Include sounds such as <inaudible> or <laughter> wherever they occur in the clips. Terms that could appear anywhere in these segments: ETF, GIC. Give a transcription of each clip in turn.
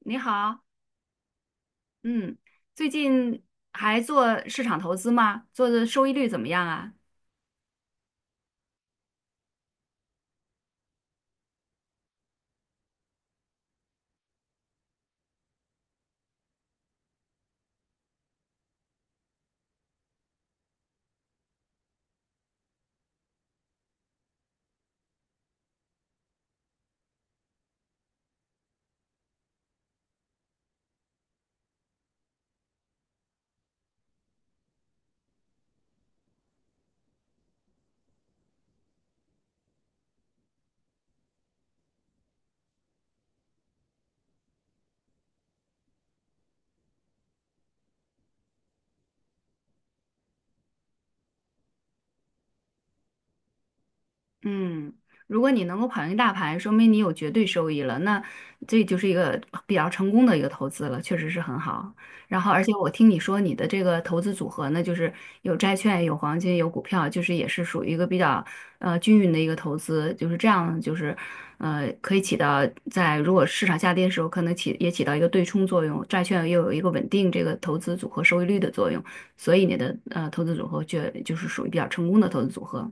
你好，嗯，最近还做市场投资吗？做的收益率怎么样啊？嗯，如果你能够跑赢大盘，说明你有绝对收益了，那这就是一个比较成功的一个投资了，确实是很好。然后，而且我听你说你的这个投资组合呢，就是有债券、有黄金、有股票，就是也是属于一个比较均匀的一个投资，就是这样，就是可以起到在如果市场下跌的时候，可能也起到一个对冲作用，债券又有一个稳定这个投资组合收益率的作用，所以你的投资组合就是属于比较成功的投资组合。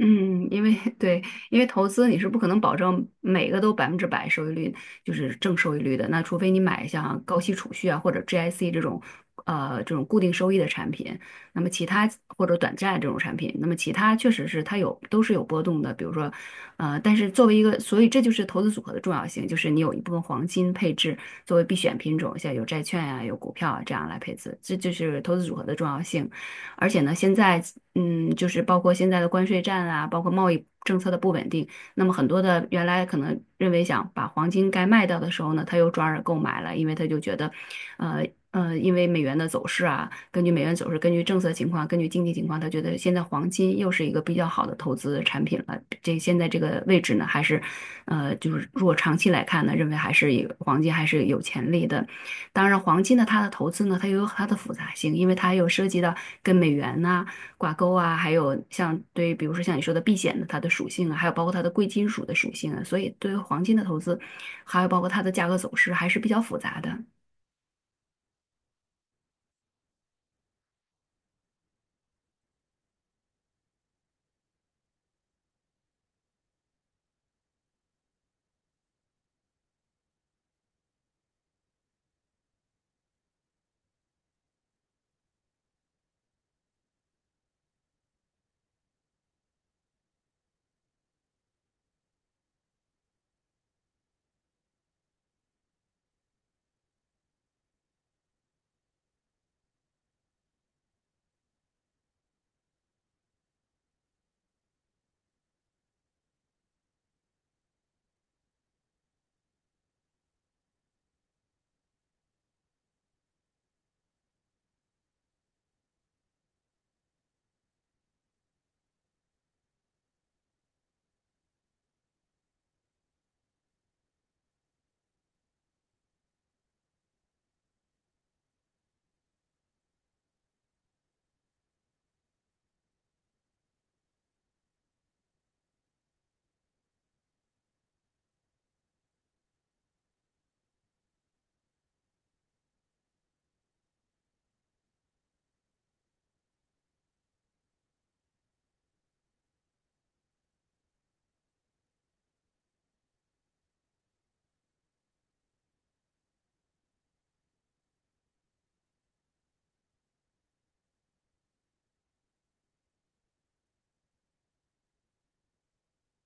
嗯，因为 <laughs> 对，因为投资你是不可能保证每个都百分之百收益率，就是正收益率的。那除非你买像高息储蓄啊，或者 GIC 这种，这种固定收益的产品。那么其他或者短债这种产品，那么其他确实是它有都是有波动的。比如说，呃，但是作为一个，所以这就是投资组合的重要性，就是你有一部分黄金配置作为必选品种，像有债券呀、有股票啊这样来配置，这就是投资组合的重要性。而且呢，现在嗯，就是包括现在的关税战啊，包括贸易政策的不稳定，那么很多的原来可能认为想把黄金该卖掉的时候呢，他又转而购买了，因为他就觉得，呃因为美元的走势啊，根据美元走势，根据政策情况，根据经济情况，他觉得现在黄金又是一个比较好的投资产品了。这现在这个位置呢，还是，就是如果长期来看呢，认为还是以黄金还是有潜力的。当然，黄金呢，它的投资呢，它又有它的复杂性，因为它有涉及到跟美元呐、挂钩啊，还有像对，比如说像你说的避险的它的属性啊，还有包括它的贵金属的属性啊，所以对于黄金的投资，还有包括它的价格走势还是比较复杂的。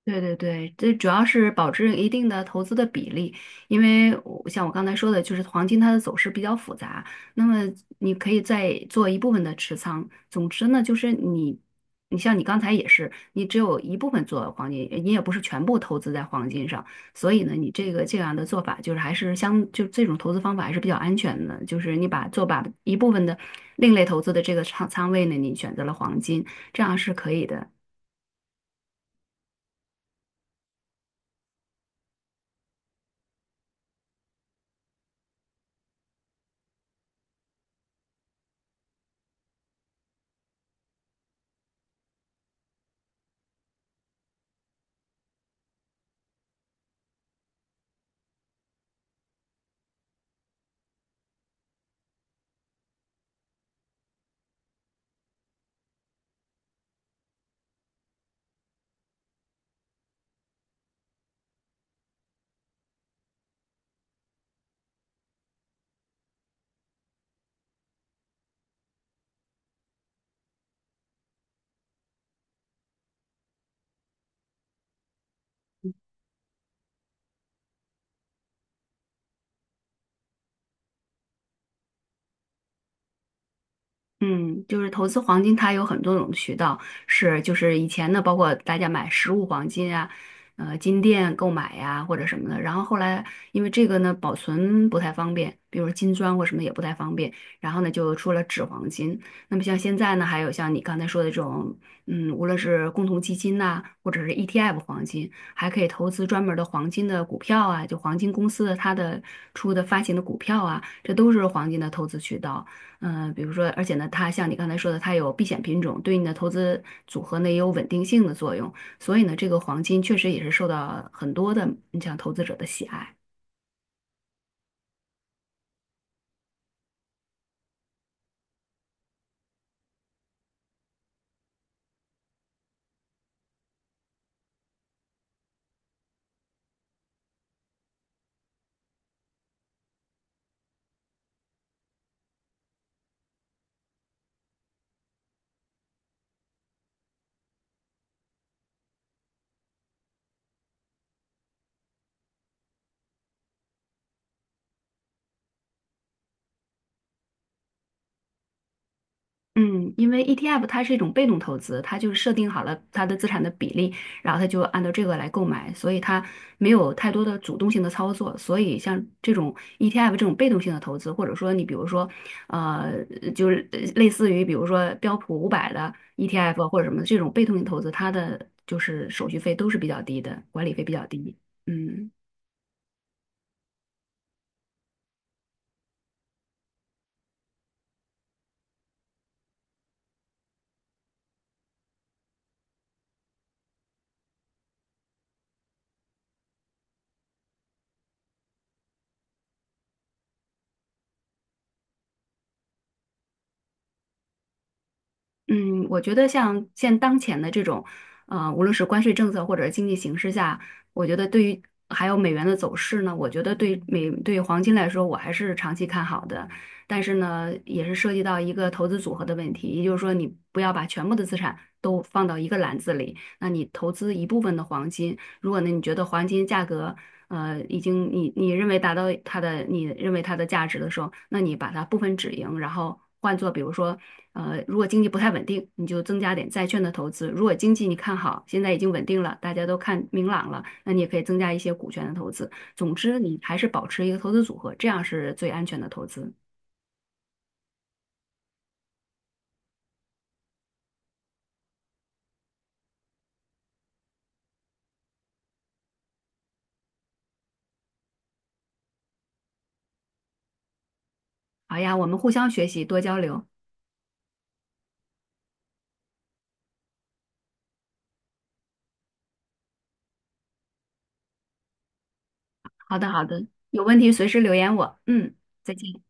对对对，这主要是保持一定的投资的比例，因为我像我刚才说的，就是黄金它的走势比较复杂，那么你可以再做一部分的持仓。总之呢，就是你，你像你刚才也是，你只有一部分做黄金，你也不是全部投资在黄金上，所以呢，你这个这样的做法就是还是相，就这种投资方法还是比较安全的，就是你把做把一部分的另类投资的这个仓位呢，你选择了黄金，这样是可以的。嗯，就是投资黄金，它有很多种渠道，是就是以前呢，包括大家买实物黄金啊，呃，金店购买呀、或者什么的。然后后来因为这个呢，保存不太方便，比如金砖或什么也不太方便，然后呢就出了纸黄金。那么像现在呢，还有像你刚才说的这种，嗯，无论是共同基金呐、或者是 ETF 黄金，还可以投资专门的黄金的股票啊，就黄金公司的它的出的发行的股票啊，这都是黄金的投资渠道。嗯、比如说，而且呢，它像你刚才说的，它有避险品种，对你的投资组合呢也有稳定性的作用。所以呢，这个黄金确实也是受到很多的你像投资者的喜爱。嗯，因为 ETF 它是一种被动投资，它就是设定好了它的资产的比例，然后它就按照这个来购买，所以它没有太多的主动性的操作。所以像这种 ETF 这种被动性的投资，或者说你比如说，呃，就是类似于比如说标普500的 ETF 或者什么这种被动性投资，它的就是手续费都是比较低的，管理费比较低。嗯。嗯，我觉得像现当前的这种，呃，无论是关税政策或者是经济形势下，我觉得对于还有美元的走势呢，我觉得对美对黄金来说，我还是长期看好的。但是呢，也是涉及到一个投资组合的问题，也就是说，你不要把全部的资产都放到一个篮子里，那你投资一部分的黄金。如果呢，你觉得黄金价格，已经你认为达到它的你认为它的价值的时候，那你把它部分止盈，然后换做比如说，如果经济不太稳定，你就增加点债券的投资；如果经济你看好，现在已经稳定了，大家都看明朗了，那你也可以增加一些股权的投资。总之，你还是保持一个投资组合，这样是最安全的投资。好呀，我们互相学习，多交流。好的，好的，有问题随时留言我。嗯，再见。